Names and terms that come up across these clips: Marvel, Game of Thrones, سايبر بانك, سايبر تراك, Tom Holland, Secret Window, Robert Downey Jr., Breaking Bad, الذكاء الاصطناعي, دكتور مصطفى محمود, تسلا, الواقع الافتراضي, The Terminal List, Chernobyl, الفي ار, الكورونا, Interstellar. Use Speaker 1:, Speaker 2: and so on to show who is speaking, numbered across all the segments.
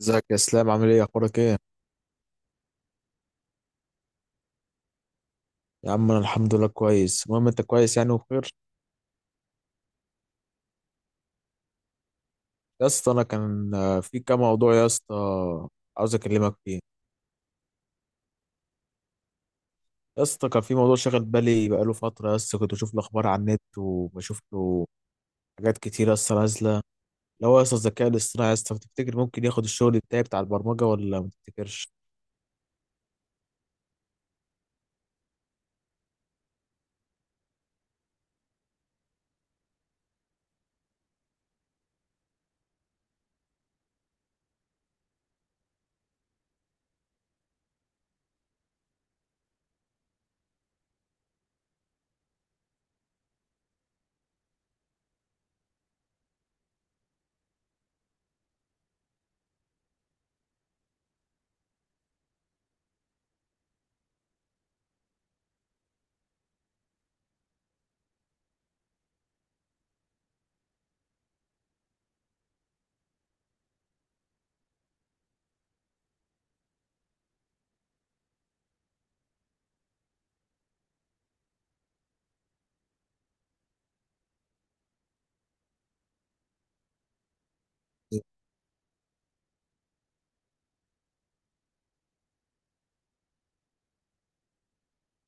Speaker 1: ازيك يا اسلام؟ عامل ايه؟ اخبارك ايه؟ يا عم انا الحمد لله كويس. المهم انت كويس يعني وبخير؟ يا اسطى انا كان في كام موضوع يا اسطى عاوز اكلمك فيه. يا اسطى كان في موضوع شاغل بالي بقاله فتره يا اسطى، كنت بشوف الاخبار على النت وبشوف له حاجات كتير يا اسطى نازله. لو يا اسطى الذكاء الاصطناعي يا اسطى، بتفتكر ممكن ياخد الشغل بتاعي بتاع البرمجه ولا ما تفتكرش؟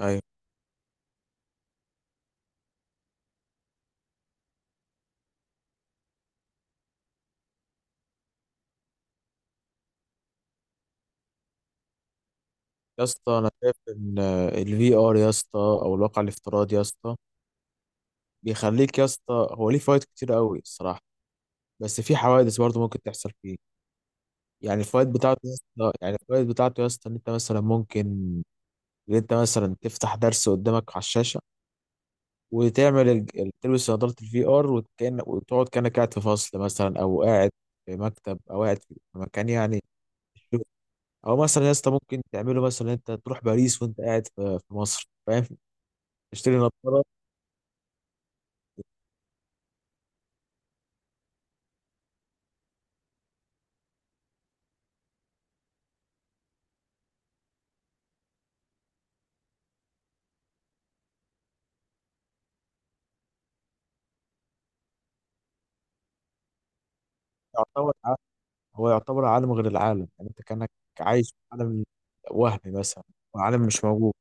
Speaker 1: ايوه يا اسطى، انا شايف ان الفي ار يا اسطى او الواقع الافتراضي يا اسطى بيخليك يا اسطى، هو ليه فوائد كتير قوي الصراحه. بس في حوادث برضه ممكن تحصل فيه. يعني الفوائد بتاعته يا اسطى يعني الفوائد بتاعته يا اسطى ان انت مثلا تفتح درس قدامك على الشاشه وتعمل تلبس نظاره الفي ار، وكأن وتقعد كانك قاعد في فصل مثلا، او قاعد في مكتب، او قاعد في مكان يعني تشوف. او مثلا يا اسطى ممكن تعمله مثلا انت تروح باريس وانت قاعد في مصر، فاهم؟ تشتري نظاره يعتبر ع- هو يعتبر عالم غير العالم، يعني انت كانك عايش في عالم وهمي مثلا، عالم مش موجود.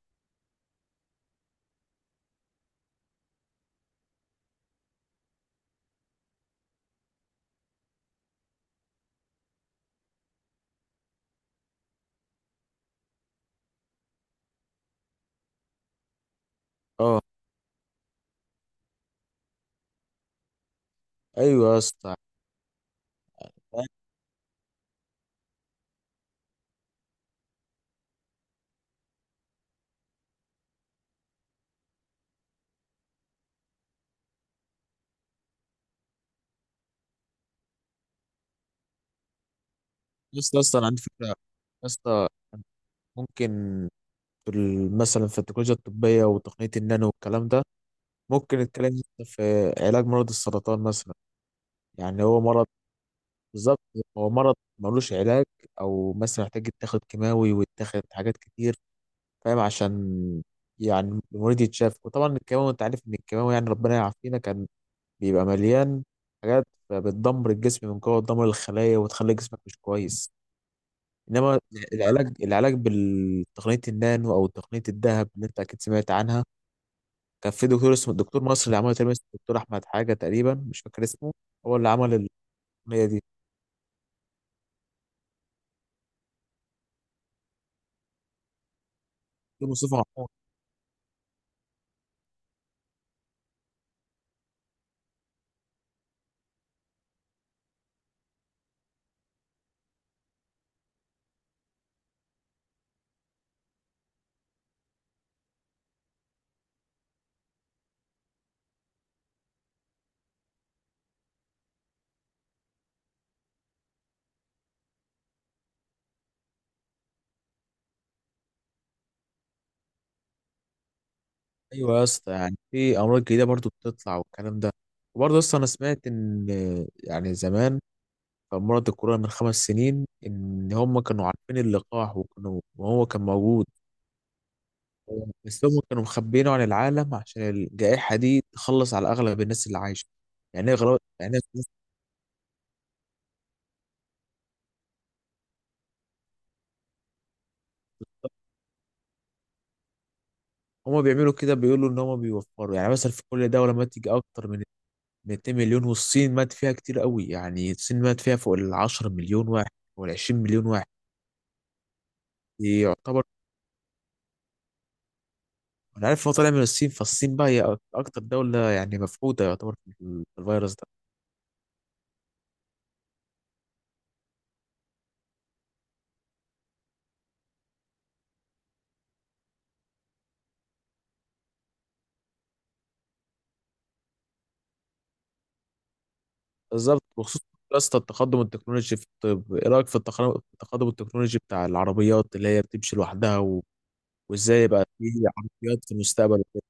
Speaker 1: اه، ايوه يا اسطى. يا اسطى اصلا عندي فكره يا اسطى، ممكن في ال- مثلا في التكنولوجيا الطبيه وتقنيه النانو والكلام ده، ممكن نتكلم يا اسطى في علاج مرض السرطان مثلا. يعني هو مرض، بالظبط، هو مرض ملوش علاج، او مثلا محتاج يتاخد كيماوي ويتاخد حاجات كتير، فاهم؟ عشان يعني المريض يتشاف. وطبعا الكيماوي انت عارف ان الكيماوي يعني ربنا يعافينا كان بيبقى مليان حاجات بتدمر الجسم من جوه، تدمر الخلايا وتخلي جسمك مش كويس. انما العلاج، العلاج بالتقنية النانو او تقنية الذهب اللي انت اكيد سمعت عنها، كان في دكتور اسمه الدكتور مصر اللي عمله، تقريبا اسمه الدكتور احمد حاجة تقريبا، مش فاكر اسمه. هو اللي عمل التقنية دي، دكتور مصطفى محمود. ايوه يا اسطى، يعني في امراض جديدة برضو بتطلع والكلام ده. وبرضه اصلا انا سمعت ان، يعني زمان، كان مرض الكورونا من 5 سنين ان هم كانوا عارفين اللقاح، وكانوا وهو كان موجود، بس هم كانوا مخبيينه عن العالم عشان الجائحة دي تخلص على أغلب الناس اللي عايشة، يعني إيه غلط يعني. هم بيعملوا كده بيقولوا إن هم بيوفروا، يعني مثلا في كل دولة مات يجي أكتر من 2 مليون. والصين مات فيها كتير قوي، يعني الصين مات فيها فوق ال 10 مليون واحد وال 20 مليون واحد يعتبر. أنا عارف هو طالع من الصين، فالصين بقى هي أكتر دولة يعني مفقودة يعتبر في ال- في الفيروس ده. بالظبط. بخصوص يا اسطى التقدم التكنولوجي في الطب، ايه رايك في التقدم التكنولوجي بتاع العربيات اللي هي بتمشي لوحدها؟ وازاي يبقى فيه عربيات في المستقبل وكده؟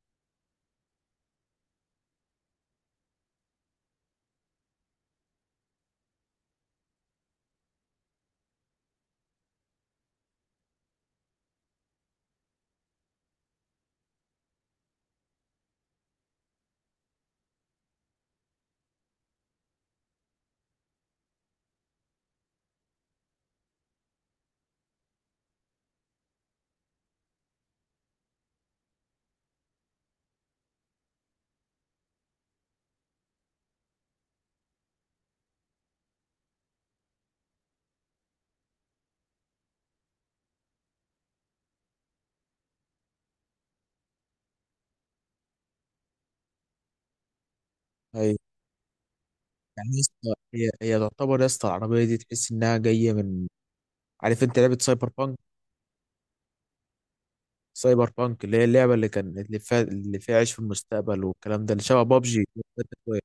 Speaker 1: هي يعني هي تعتبر يا اسطى العربيه دي تحس انها جايه من، عارف انت لعبه سايبر بانك؟ سايبر بانك اللي هي اللعبه اللي كان اللي فيها عيش في المستقبل والكلام ده، اللي شبه بابجي فيها.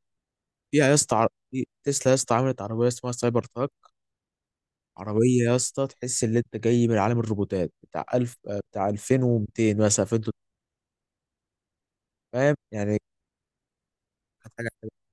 Speaker 1: يا اسطى تسلا يا اسطى عملت عربيه اسمها سايبر تراك، عربيه يا اسطى تحس ان انت جاي من عالم الروبوتات بتاع 1000 بتاع 2200 مثلا 2300، فاهم يعني؟ كانت حاجه حلوه.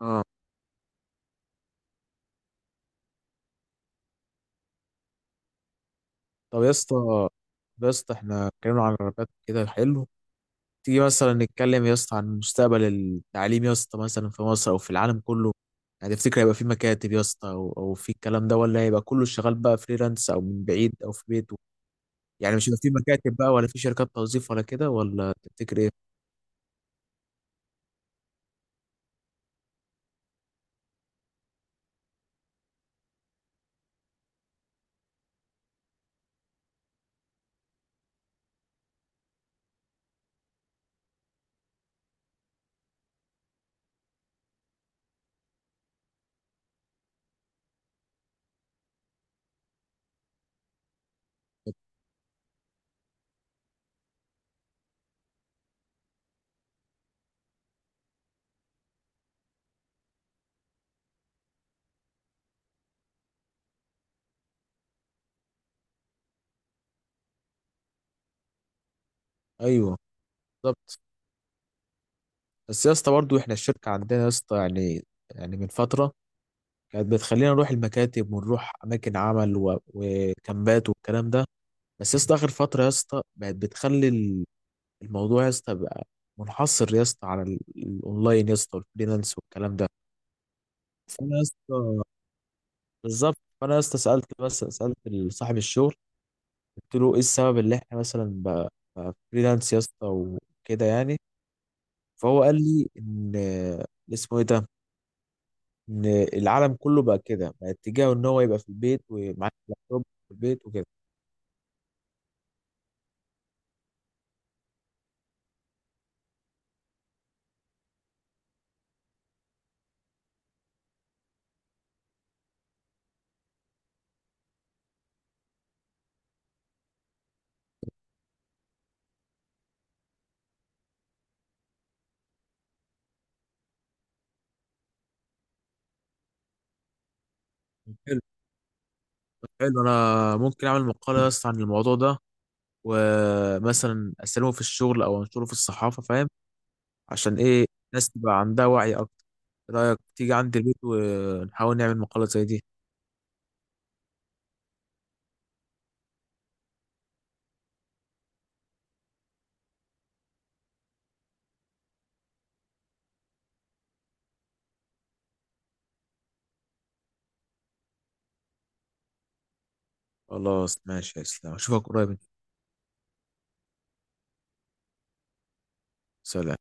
Speaker 1: اه. طب يا اسطى، طب يا اسطى احنا اتكلمنا عن العربيات كده، حلو. تيجي مثلا نتكلم يا اسطى عن مستقبل التعليم يا اسطى، مثلا في مصر او في العالم كله. يعني تفتكر هيبقى في مكاتب يا اسطى او او في الكلام ده، ولا هيبقى كله شغال بقى فريلانس او من بعيد او في بيته؟ يعني مش هيبقى في مكاتب بقى، ولا في شركات توظيف ولا كده، ولا تفتكر ايه؟ ايوه. بالظبط. بس يا اسطى برضه احنا الشركه عندنا يا اسطى يعني، يعني من فتره كانت بتخلينا نروح المكاتب ونروح اماكن عمل و- وكامبات والكلام ده. بس يا اسطى اخر فتره يا اسطى بقت بتخلي الموضوع يا اسطى بقى منحصر يا اسطى على ال- الاونلاين يا اسطى، والفريلانس والكلام ده. فانا يا اسطى، بالظبط، فانا يا اسطى سالت، بس سالت صاحب الشغل، قلت له ايه السبب اللي احنا مثلا بقى فريلانس يا اسطى وكده يعني؟ فهو قال لي ان اللي اسمه ايه ده، ان العالم كله بقى كده، بقى اتجاهه ان هو يبقى في البيت ومعاه اللابتوب في البيت وكده. حلو. حلو، انا ممكن اعمل مقاله يا اسطى عن الموضوع ده، ومثلا اسلمه في الشغل او انشره في الصحافه، فاهم؟ عشان ايه؟ الناس تبقى عندها وعي اكتر. إيه رايك تيجي عندي البيت ونحاول نعمل مقالة زي دي؟ خلاص ماشي يا اسلام، اشوفك قريب. سلام.